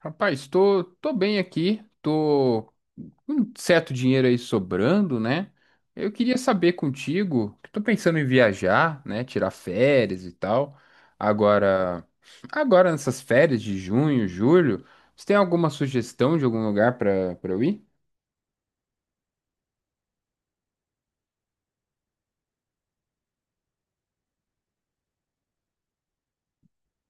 Rapaz, tô bem aqui, tô com um certo dinheiro aí sobrando, né? Eu queria saber contigo, que tô pensando em viajar, né? Tirar férias e tal. Agora, agora nessas férias de junho, julho, você tem alguma sugestão de algum lugar pra para eu ir?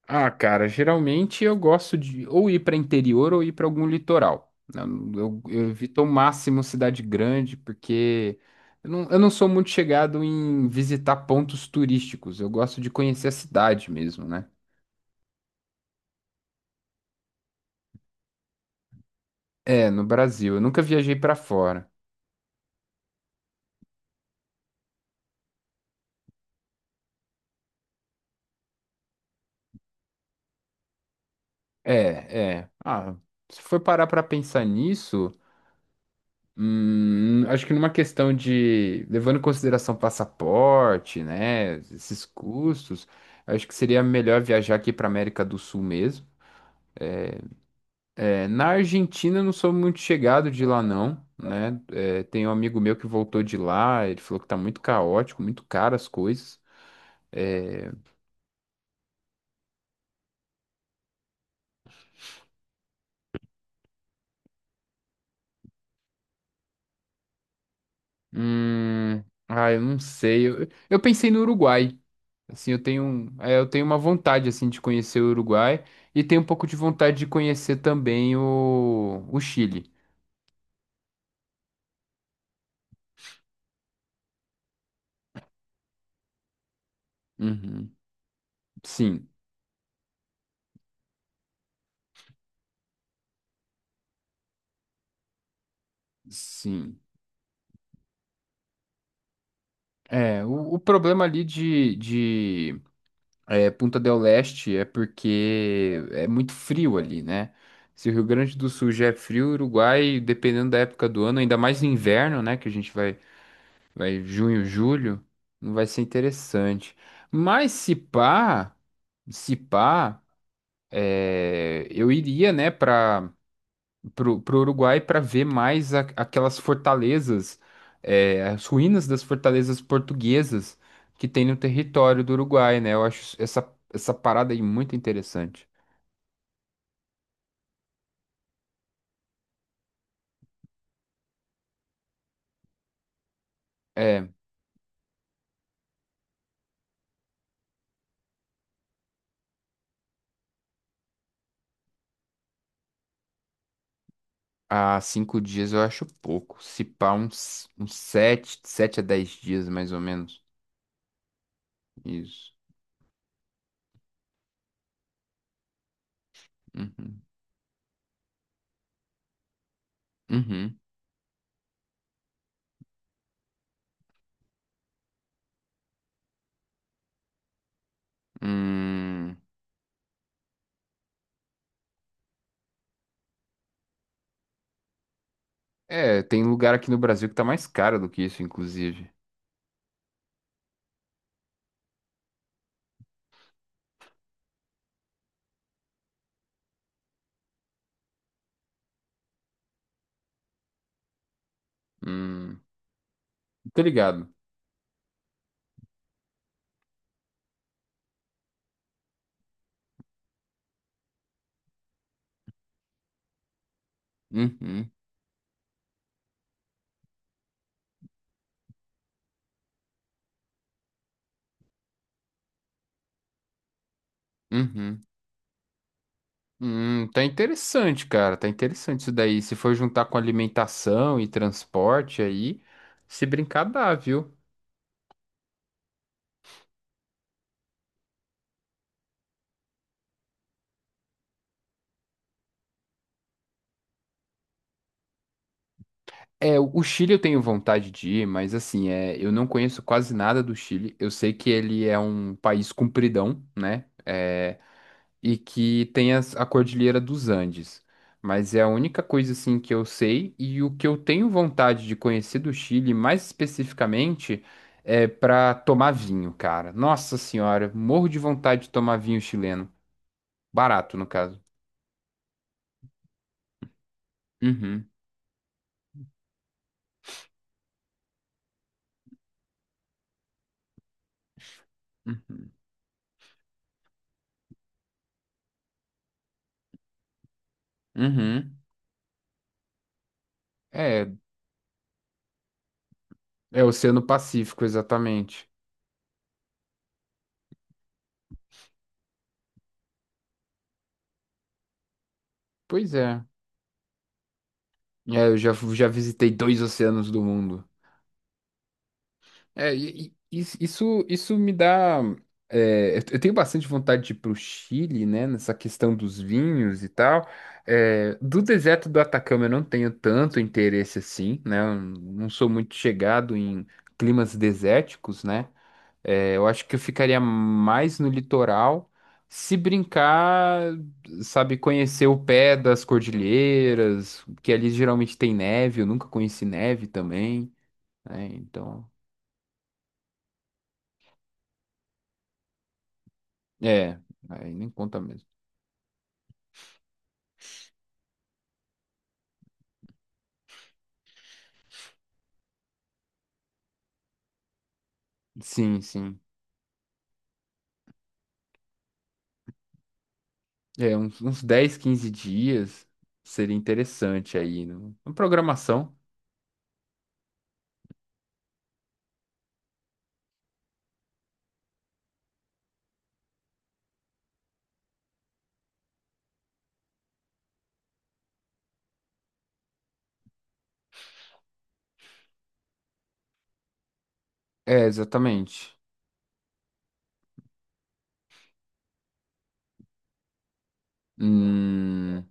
Ah, cara, geralmente eu gosto de ou ir para interior ou ir para algum litoral. Eu evito ao máximo cidade grande, porque eu não sou muito chegado em visitar pontos turísticos. Eu gosto de conhecer a cidade mesmo, né? É, no Brasil. Eu nunca viajei para fora. É, é. Ah, se for parar para pensar nisso. Acho que numa questão de, levando em consideração passaporte, né, esses custos, acho que seria melhor viajar aqui para América do Sul mesmo. É, na Argentina eu não sou muito chegado de lá não, né? É, tem um amigo meu que voltou de lá, ele falou que tá muito caótico, muito caro as coisas. É, ah, eu não sei. Eu pensei no Uruguai. Assim, eu tenho, é, eu tenho uma vontade assim de conhecer o Uruguai e tenho um pouco de vontade de conhecer também o Chile. Uhum. Sim, sim. É, o problema ali de é, Punta del Este é porque é muito frio ali, né? Se o Rio Grande do Sul já é frio, o Uruguai, dependendo da época do ano, ainda mais no inverno, né? Que a gente vai, vai junho, julho, não vai ser interessante. Mas se pá, se pá. É, eu iria, né, para o Uruguai para ver mais aquelas fortalezas, é, as ruínas das fortalezas portuguesas que tem no território do Uruguai, né? Eu acho essa parada aí muito interessante. É, há cinco dias eu acho pouco. Se pá, uns, uns sete a dez dias, mais ou menos. Isso. Uhum. Uhum. Hum. É, tem lugar aqui no Brasil que tá mais caro do que isso, inclusive. Hum. Tô ligado. Uhum. Uhum. Tá interessante, cara. Tá interessante isso daí. Se for juntar com alimentação e transporte aí, se brincar dá, viu? É, o Chile eu tenho vontade de ir, mas assim, é, eu não conheço quase nada do Chile. Eu sei que ele é um país compridão, né? É, e que tem a Cordilheira dos Andes. Mas é a única coisa assim que eu sei e o que eu tenho vontade de conhecer do Chile, mais especificamente, é para tomar vinho, cara. Nossa senhora, morro de vontade de tomar vinho chileno. Barato, no caso. Uhum. Uhum. Uhum. É, é Oceano Pacífico, exatamente. Pois é. É, eu já, já visitei dois oceanos do mundo. É, isso, isso me dá. É, eu tenho bastante vontade de ir pro Chile, né? Nessa questão dos vinhos e tal. É, do deserto do Atacama eu não tenho tanto interesse assim, né? Eu não sou muito chegado em climas desérticos, né? É, eu acho que eu ficaria mais no litoral. Se brincar, sabe, conhecer o pé das cordilheiras, que ali geralmente tem neve, eu nunca conheci neve também, né? Então. É, aí nem conta mesmo. Sim, sim. É, uns, uns 10, 15 dias seria interessante aí, uma programação. É, exatamente. Hum,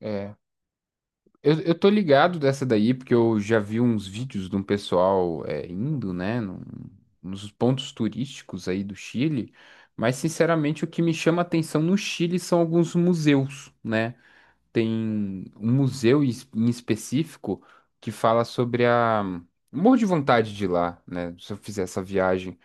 é. Eu tô ligado dessa daí, porque eu já vi uns vídeos de um pessoal é, indo, né, nos pontos turísticos aí do Chile, mas sinceramente o que me chama atenção no Chile são alguns museus, né? Tem um museu em específico que fala sobre a. Morro de vontade de ir lá, né? Se eu fizer essa viagem,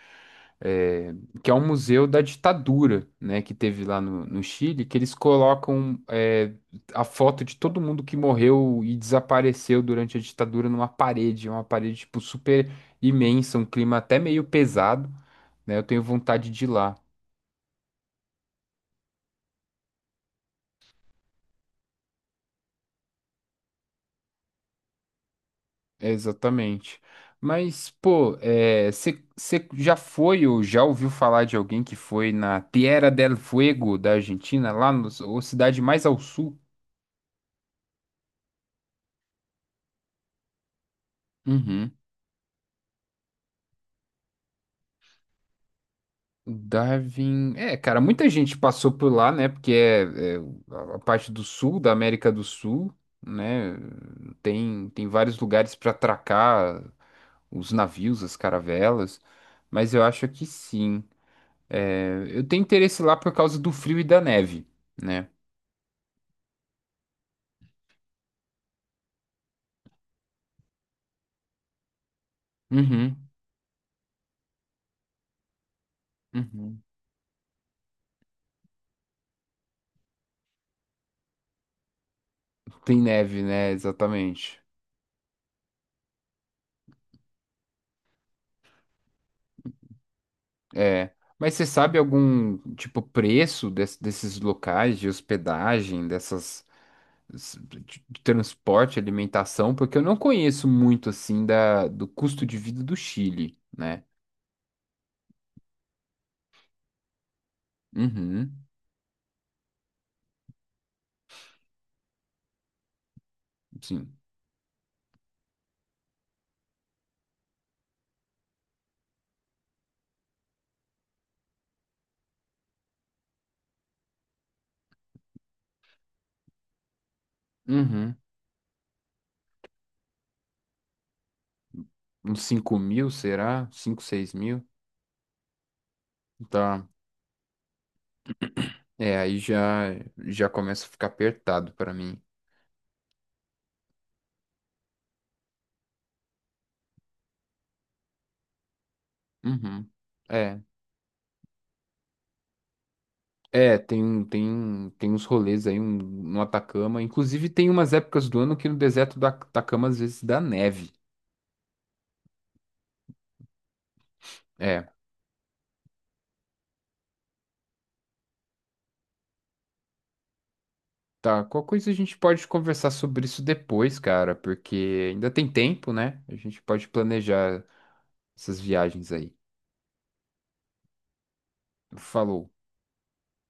é, que é um museu da ditadura, né? Que teve lá no Chile, que eles colocam é, a foto de todo mundo que morreu e desapareceu durante a ditadura numa parede, é uma parede tipo super imensa, um clima até meio pesado, né? Eu tenho vontade de ir lá. É, exatamente. Mas, pô, você já foi ou já ouviu falar de alguém que foi na Tierra del Fuego da Argentina, lá na cidade mais ao sul? Uhum. Darwin. É, cara, muita gente passou por lá, né? Porque é, é a parte do sul da América do Sul, né? Tem vários lugares para atracar os navios, as caravelas. Mas eu acho que sim. É, eu tenho interesse lá por causa do frio e da neve. Né? Uhum, uhum. Tem neve, né? Exatamente. É. Mas você sabe algum, tipo, preço desses locais de hospedagem, dessas de transporte, alimentação? Porque eu não conheço muito, assim, do custo de vida do Chile, né? Uhum, sim. Uhum. Uns 5 mil, será? Cinco 6 mil? Tá. É, aí já, já começa a ficar apertado pra mim. Uhum. É. É, tem, um, tem, um, tem uns rolês aí um, no Atacama. Inclusive, tem umas épocas do ano que no deserto do Atacama às vezes dá neve. É, tá. Qual coisa a gente pode conversar sobre isso depois, cara? Porque ainda tem tempo, né? A gente pode planejar essas viagens aí. Falou.